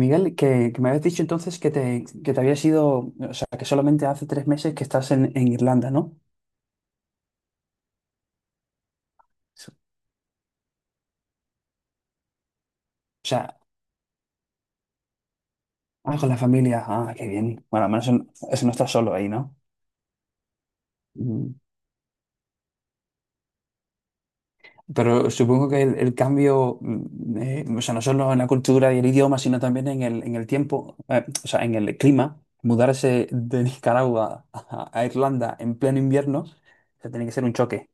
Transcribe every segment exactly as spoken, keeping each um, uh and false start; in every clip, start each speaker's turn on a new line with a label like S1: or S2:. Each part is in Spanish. S1: Miguel, que, que me habías dicho entonces que te, que te habías ido, o sea, que solamente hace tres meses que estás en, en Irlanda, ¿no? O sea, ah, con la familia, ah, qué bien. Bueno, al menos en- eso no estás solo ahí, ¿no? Mm. Pero supongo que el, el cambio, mm, eh, o sea, no solo en la cultura y el idioma, sino también en el, en el tiempo, eh, o sea, en el clima, mudarse de Nicaragua a, a Irlanda en pleno invierno, o sea, tiene que ser un choque.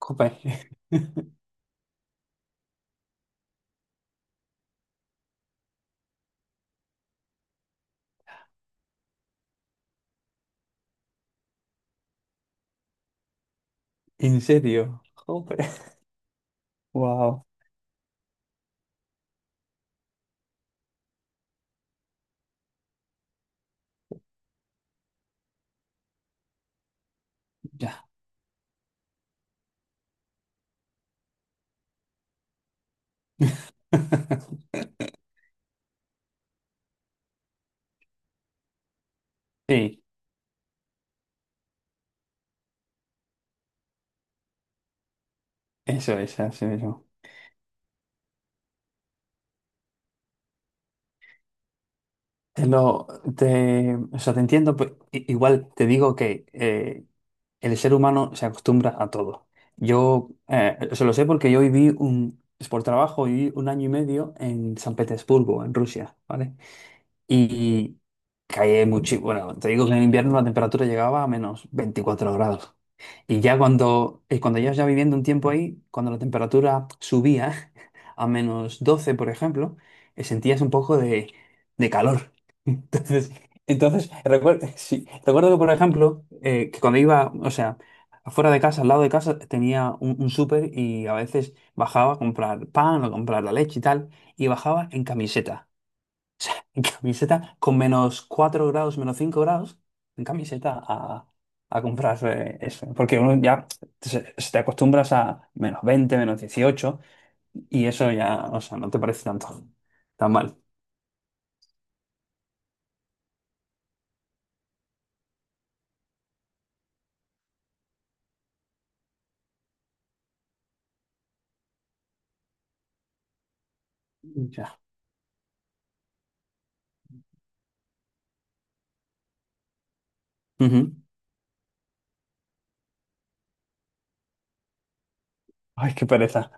S1: Jope. ¿En serio? Jope. Wow. Sí, eso es, así mismo. Te lo, te, o sea, te entiendo, pues, i- igual te digo que eh, el ser humano se acostumbra a todo. Yo eh, se lo sé porque yo viví un, es por trabajo, viví un año y medio en San Petersburgo, en Rusia, ¿vale? Y caí mucho, bueno, te digo que en invierno la temperatura llegaba a menos veinticuatro grados. Y ya cuando, y cuando llevas ya viviendo un tiempo ahí, cuando la temperatura subía a menos doce por ejemplo, eh, sentías un poco de, de calor. Entonces, entonces recuerdo, sí, recuerdo que, por ejemplo, eh, que cuando iba, o sea, afuera de casa, al lado de casa, tenía un, un súper y a veces bajaba a comprar pan o comprar la leche y tal, y bajaba en camiseta sea, en camiseta con menos cuatro grados, menos cinco grados, en camiseta a, a comprar eh, eso. Porque uno ya se, se te acostumbras a menos veinte menos dieciocho y eso ya, o sea, no te parece tanto tan mal. Ya. Ujú. Ay, qué pereza.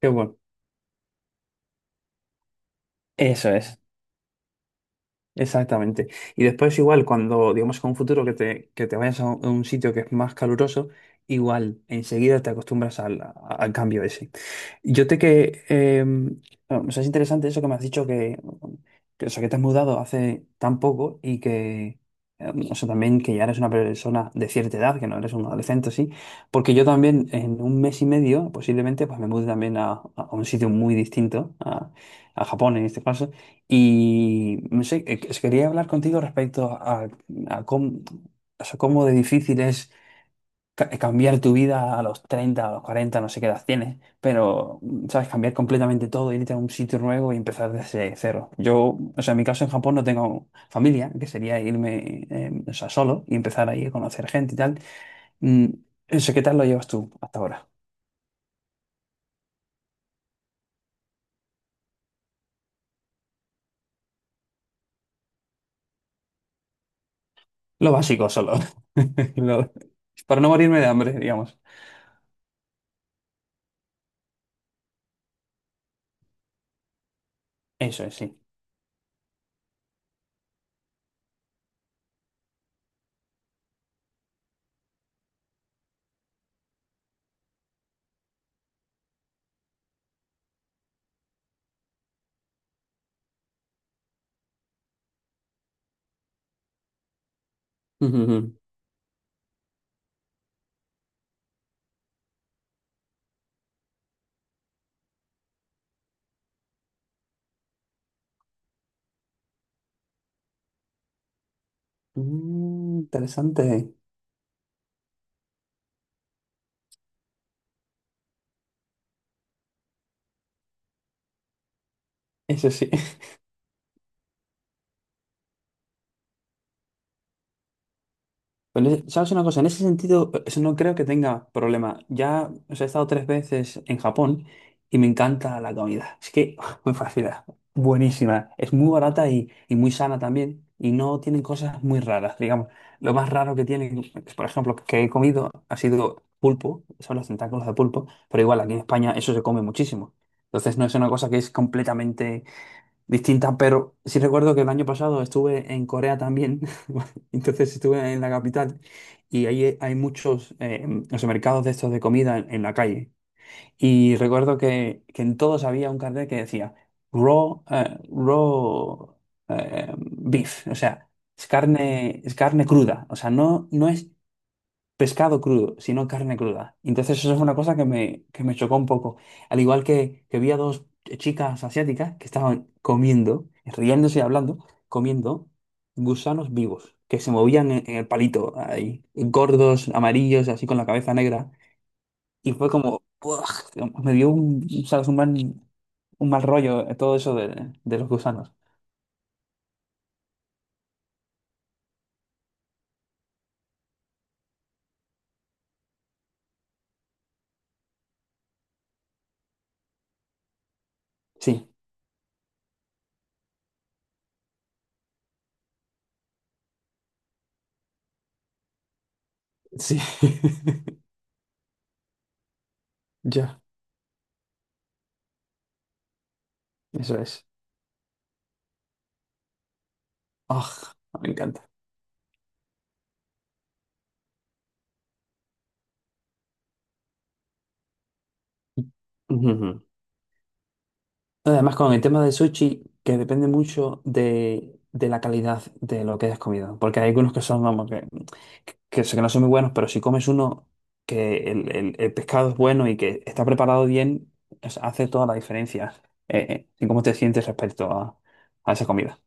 S1: Qué bueno. Eso es. Exactamente. Y después igual, cuando digamos con un futuro que te, que te vayas a un a un sitio que es más caluroso, igual enseguida te acostumbras al, a- al cambio ese. Yo te que... eh, bueno, o sea, es interesante eso que me has dicho que, que, o sea, que te has mudado hace tan poco y que... eh, o sea, también que ya eres una persona de cierta edad, que no eres un adolescente, sí, porque yo también en un mes y medio posiblemente pues me mude también a, a- a un sitio muy distinto, a, a Japón en este caso, y no sé, eh, que- quería hablar contigo respecto a, a cómo, o sea, cómo de difícil es ca- eh, cambiar tu vida a los treinta a los cuarenta no sé qué edad tienes, pero, mm, ¿sabes? Cambiar completamente todo, irte a un sitio nuevo y empezar desde cero. Yo, o sea, en mi caso en Japón no tengo familia, que sería irme, eh, o sea, solo y empezar ahí a conocer gente y tal. Mm, eso, ¿qué tal lo llevas tú hasta ahora? Lo básico solo. Lo- Para no morirme de hambre, digamos. Eso es, sí. Mm, interesante. Eso sí. Pues en ese- ¿sabes una cosa? En ese sentido, eh, eso no creo que tenga problema. Ya, o sea, he estado tres veces en Japón y me encanta la comida. Es que muy fascina. Buenísima. Es muy barata y, y muy sana también. Y no tienen cosas muy raras, digamos. Lo más raro que tienen, es, por ejemplo, que he comido ha sido pulpo. Son los tentáculos de pulpo. Pero igual, aquí en España eso se come muchísimo. Entonces no es una cosa que es completamente distintas, pero sí recuerdo que el año pasado estuve en Corea también, entonces estuve en la capital y ahí hay muchos eh, o sea, mercados de estos de comida en, en la calle. Y recuerdo que, que en todos había un cartel que decía raw, eh, raw eh, beef, o sea, es carne, es carne cruda, o sea, no, no es pescado crudo, sino carne cruda. Entonces eso es una cosa que me, que me chocó un poco. Al igual que, que vi a dos chicas asiáticas que estaban comiendo, riéndose y hablando, comiendo gusanos vivos, que se movían en, en el palito, ahí, gordos, amarillos, así con la cabeza negra. Y fue como, ¡buah! Me dio un, ¿sabes? Un mal, un mal rollo eh, todo eso de, de los gusanos. Sí, sí. Ya, eso es. Ah, me encanta. Además, con el tema del sushi, que depende mucho de, de la calidad de lo que hayas comido. Porque hay algunos que son, vamos, que, que, sé que no son muy buenos, pero si comes uno que el, el- el pescado es bueno y que está preparado bien, es- hace toda la diferencia eh, eh, en cómo te sientes respecto a, a esa comida.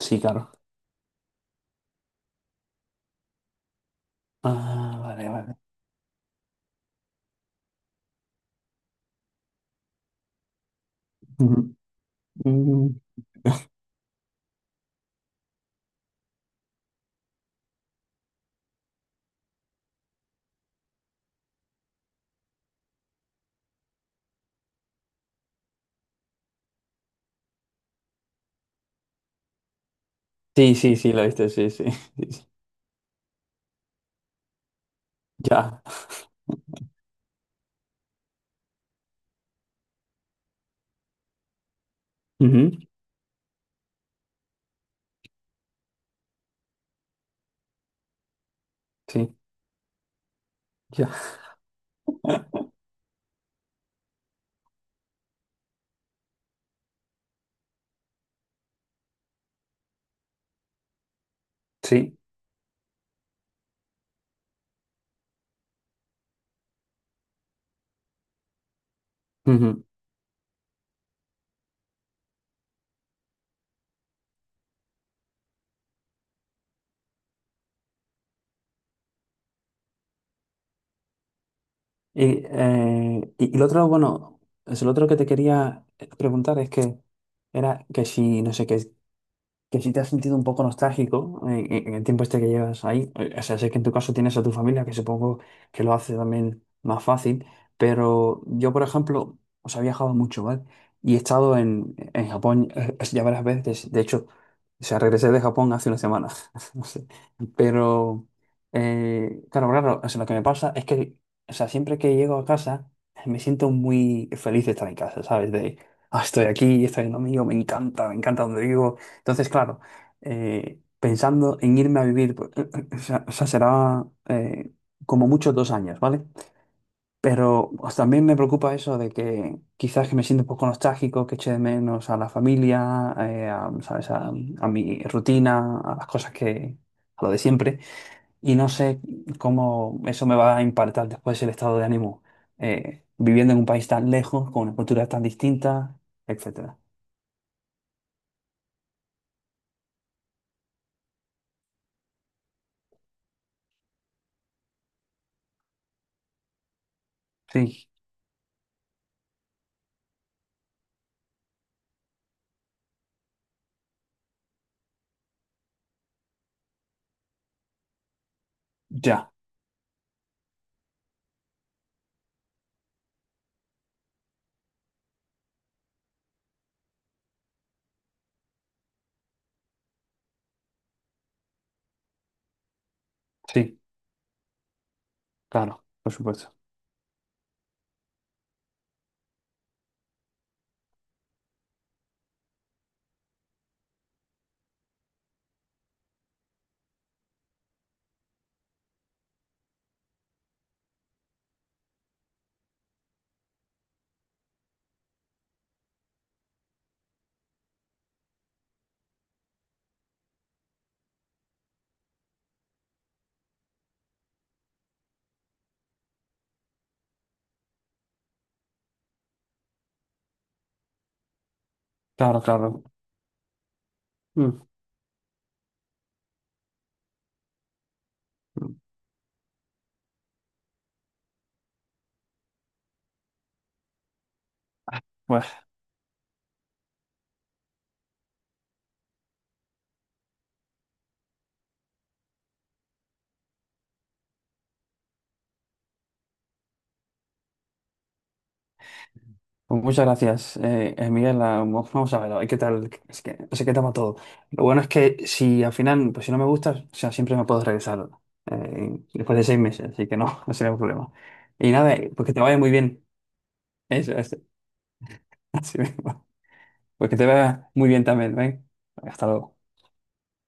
S1: Sí, claro. Ah, vale, vale. Ujú. Mm. Sí, sí, sí, lo viste, sí, sí. sí, sí. Ya. Ujú. Sí, ya. Sí. Y, eh, y, y lo otro, bueno, es lo otro que te quería preguntar es que era que si, no sé qué, que si te has sentido un poco nostálgico en, en- en el tiempo este que llevas ahí. Eh, o sea, sé que en tu caso tienes a tu familia, que supongo que lo hace también más fácil, pero yo, por ejemplo, os he viajado mucho, ¿vale? Y he estado en, en Japón eh, ya varias veces, de hecho, o sea, regresé de Japón hace una semana, no sé, pero, eh, claro, claro, o sea, lo que me pasa es que, o sea, siempre que llego a casa, me siento muy feliz de estar en casa, ¿sabes? De, ah, estoy aquí, estoy en lo mío, me encanta, me encanta donde vivo. Entonces, claro, eh, pensando en irme a vivir, pues, o sea, o sea, será eh, como mucho dos años, ¿vale? Pero pues, también me preocupa eso de que quizás que me siento un poco nostálgico, que eche de menos a la familia, eh, a, ¿sabes? A, a mi rutina, a las cosas que, a lo de siempre. Y no sé cómo eso me va a impactar después el estado de ánimo, eh, viviendo en un país tan lejos, con una cultura tan distinta, etcétera. Sí, ya, sí, claro, por supuesto. Claro, claro. Mm. Mm. Bueno, pues muchas gracias, eh, eh, Miguel. Ah, mo- Vamos a ver, a ver qué tal, es que, no sé qué toma todo. Lo bueno es que si al final, pues si no me gusta, o sea, siempre me puedo regresar eh, después de seis meses, así que no, no sería un problema. Y nada, eh, pues que te vaya muy bien. Eso, eso, así mismo. Pues que te vaya muy bien también, ¿ven? Hasta luego.